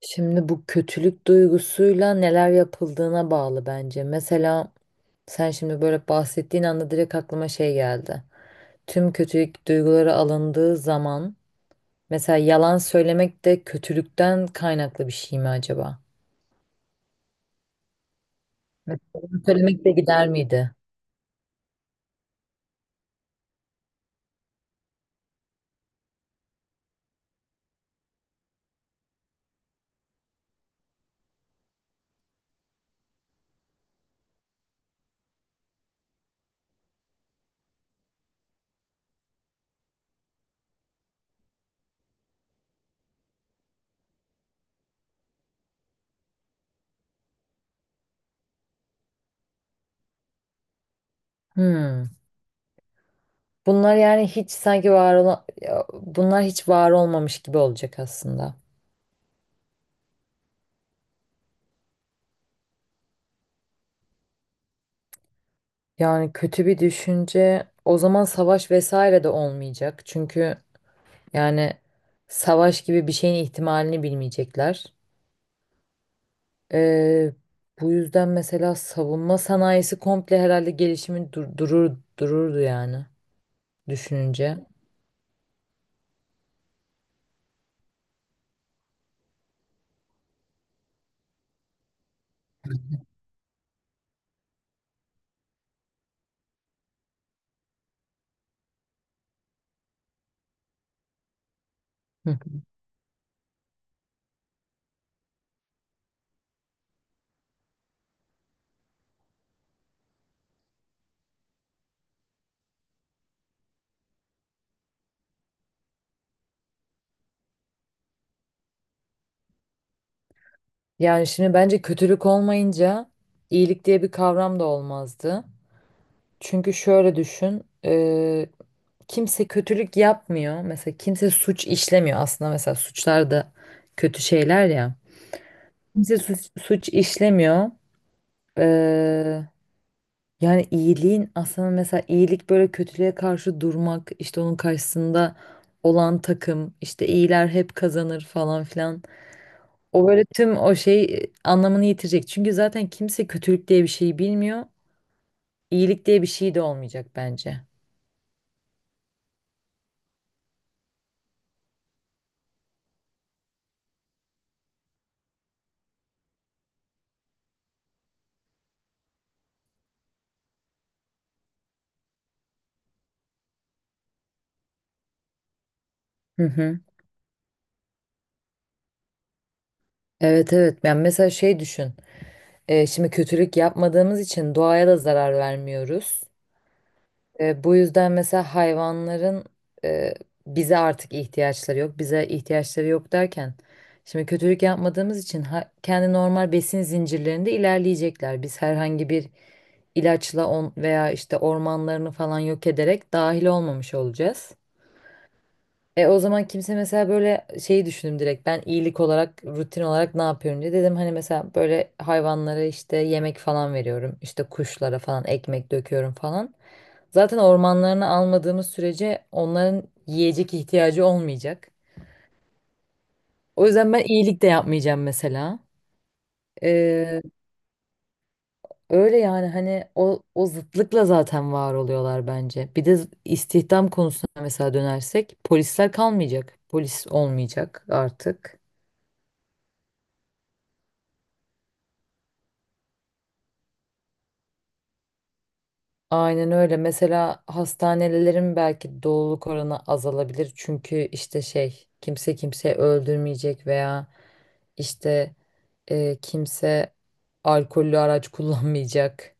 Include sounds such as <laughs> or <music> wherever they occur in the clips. Şimdi bu kötülük duygusuyla neler yapıldığına bağlı bence. Mesela sen şimdi böyle bahsettiğin anda direkt aklıma geldi. Tüm kötülük duyguları alındığı zaman mesela yalan söylemek de kötülükten kaynaklı bir şey mi acaba? Mesela yalan söylemek de gider miydi? Hmm. Bunlar yani hiç sanki var olan, ya, bunlar hiç var olmamış gibi olacak aslında. Yani kötü bir düşünce o zaman savaş vesaire de olmayacak. Çünkü yani savaş gibi bir şeyin ihtimalini bilmeyecekler. Ee, Bu yüzden mesela savunma sanayisi komple herhalde gelişimi durur dururdu yani düşününce. Hı. Yani şimdi bence kötülük olmayınca iyilik diye bir kavram da olmazdı. Çünkü şöyle düşün, kimse kötülük yapmıyor. Mesela kimse suç işlemiyor. Aslında mesela suçlar da kötü şeyler ya. Kimse suç işlemiyor. Yani iyiliğin aslında mesela iyilik böyle kötülüğe karşı durmak işte onun karşısında olan takım işte iyiler hep kazanır falan filan. O böyle tüm o anlamını yitirecek. Çünkü zaten kimse kötülük diye bir şeyi bilmiyor. İyilik diye bir şey de olmayacak bence. Hı hı. Evet evet. Yani mesela şey düşün. Şimdi kötülük yapmadığımız için doğaya da zarar vermiyoruz. Bu yüzden mesela hayvanların e, bize artık ihtiyaçları yok. Bize ihtiyaçları yok derken şimdi kötülük yapmadığımız için kendi normal besin zincirlerinde ilerleyecekler. Biz herhangi bir ilaçla on veya işte ormanlarını falan yok ederek dahil olmamış olacağız. E o zaman kimse mesela böyle şeyi düşündüm direkt ben iyilik olarak rutin olarak ne yapıyorum diye dedim hani mesela böyle hayvanlara işte yemek falan veriyorum işte kuşlara falan ekmek döküyorum falan. Zaten ormanlarını almadığımız sürece onların yiyecek ihtiyacı olmayacak. O yüzden ben iyilik de yapmayacağım mesela. Ee, Öyle yani hani o zıtlıkla zaten var oluyorlar bence. Bir de istihdam konusuna mesela dönersek polisler kalmayacak. Polis olmayacak artık. Aynen öyle. Mesela hastanelerin belki doluluk oranı azalabilir. Çünkü işte şey kimse kimseyi öldürmeyecek veya İşte kimse alkollü araç kullanmayacak.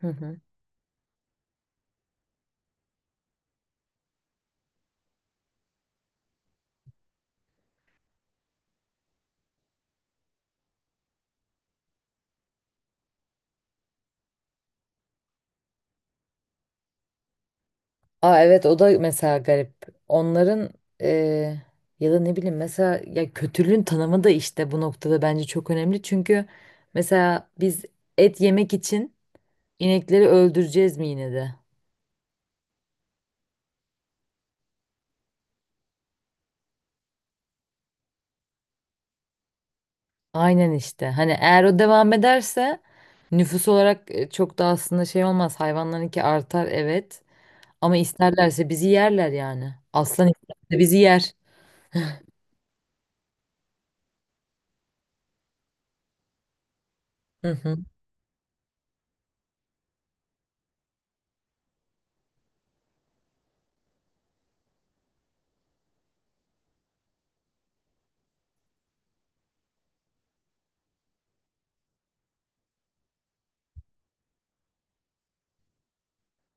Hı hı. Aa evet o da mesela garip. Onların e, ya da ne bileyim mesela ya kötülüğün tanımı da işte bu noktada bence çok önemli. Çünkü mesela biz et yemek için inekleri öldüreceğiz mi yine de? Aynen işte. Hani eğer o devam ederse nüfus olarak çok da aslında şey olmaz. Hayvanlarınki artar evet. Ama isterlerse bizi yerler yani. Aslan isterse bizi yer. Hı hı.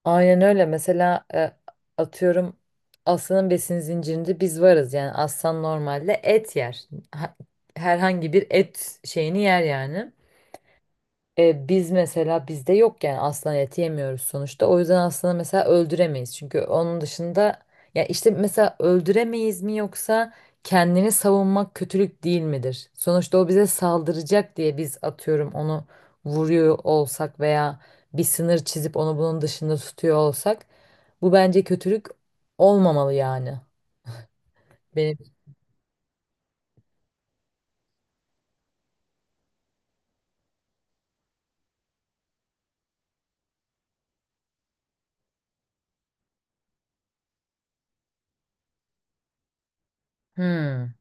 Aynen öyle. Mesela atıyorum aslanın besin zincirinde biz varız. Yani aslan normalde et yer. Herhangi bir et şeyini yer yani. Biz mesela bizde yok yani aslan eti yemiyoruz sonuçta. O yüzden aslanı mesela öldüremeyiz. Çünkü onun dışında ya işte mesela öldüremeyiz mi yoksa kendini savunmak kötülük değil midir? Sonuçta o bize saldıracak diye biz atıyorum onu vuruyor olsak veya bir sınır çizip onu bunun dışında tutuyor olsak bu bence kötülük olmamalı yani. Benim. Hmm.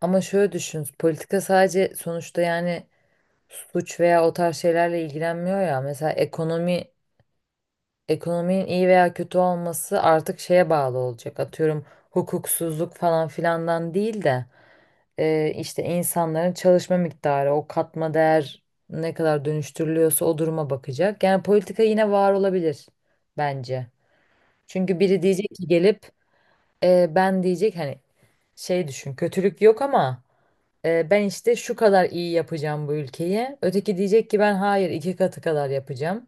Ama şöyle düşün. Politika sadece sonuçta yani suç veya o tarz şeylerle ilgilenmiyor ya. Mesela ekonominin iyi veya kötü olması artık şeye bağlı olacak. Atıyorum hukuksuzluk falan filandan değil de işte insanların çalışma miktarı, o katma değer ne kadar dönüştürülüyorsa o duruma bakacak. Yani politika yine var olabilir bence. Çünkü biri diyecek ki gelip ben diyecek hani şey düşün kötülük yok ama ben işte şu kadar iyi yapacağım bu ülkeyi. Öteki diyecek ki ben hayır iki katı kadar yapacağım.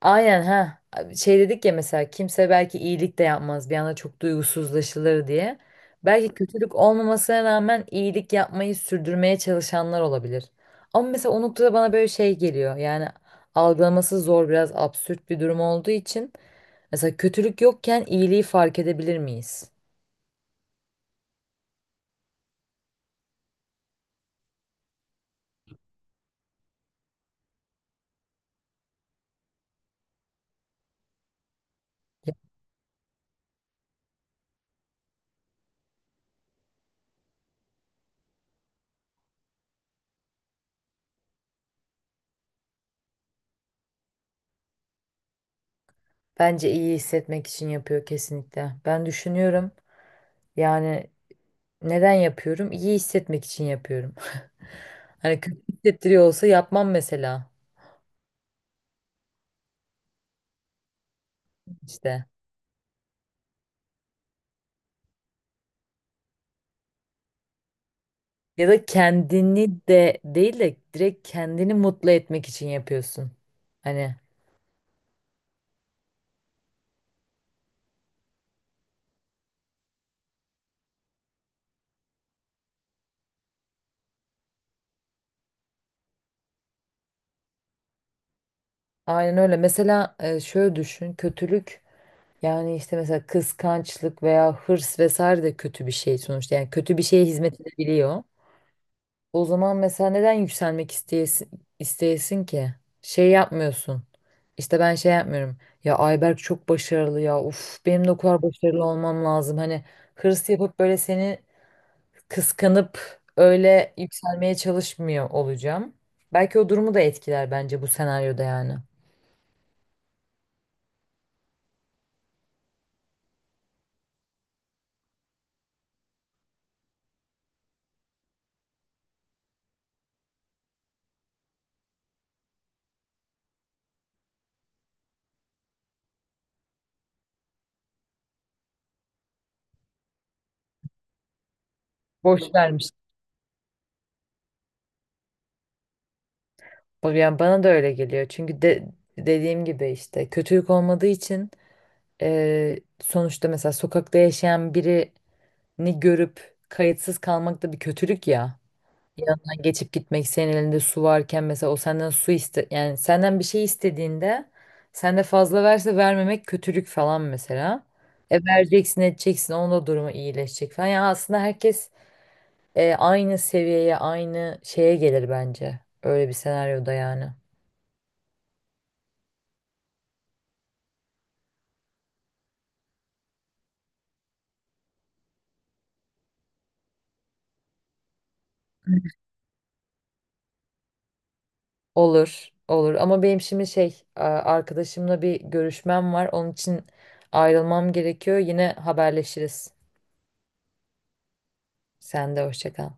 Aynen ha. Şey dedik ya mesela kimse belki iyilik de yapmaz bir anda çok duygusuzlaşılır diye. Belki kötülük olmamasına rağmen iyilik yapmayı sürdürmeye çalışanlar olabilir. Ama mesela o noktada bana böyle şey geliyor. Yani algılaması zor biraz absürt bir durum olduğu için mesela kötülük yokken iyiliği fark edebilir miyiz? Bence iyi hissetmek için yapıyor kesinlikle. Ben düşünüyorum. Yani neden yapıyorum? İyi hissetmek için yapıyorum. <laughs> Hani kötü hissettiriyor olsa yapmam mesela işte. Ya da kendini de değil de direkt kendini mutlu etmek için yapıyorsun. Hani aynen öyle. Mesela şöyle düşün. Kötülük yani işte mesela kıskançlık veya hırs vesaire de kötü bir şey sonuçta. Yani kötü bir şeye hizmet edebiliyor. O zaman mesela neden yükselmek isteyesin ki? Şey yapmıyorsun. İşte ben şey yapmıyorum. Ya Ayberk çok başarılı ya. Uf benim de o kadar başarılı olmam lazım. Hani hırs yapıp böyle seni kıskanıp öyle yükselmeye çalışmıyor olacağım. Belki o durumu da etkiler bence bu senaryoda yani. Boş vermiş. Yani bana da öyle geliyor. Dediğim gibi işte kötülük olmadığı için sonuçta mesela sokakta yaşayan biri ni görüp kayıtsız kalmak da bir kötülük ya. Yanından geçip gitmek senin elinde su varken mesela o senden su iste yani senden bir şey istediğinde sen de fazla verse vermemek kötülük falan mesela. E vereceksin edeceksin onun da durumu iyileşecek falan. Yani aslında herkes aynı seviyeye aynı şeye gelir bence. Öyle bir senaryoda yani. Olur olur ama benim şimdi şey arkadaşımla bir görüşmem var. Onun için ayrılmam gerekiyor. Yine haberleşiriz. Sen de hoşça kal.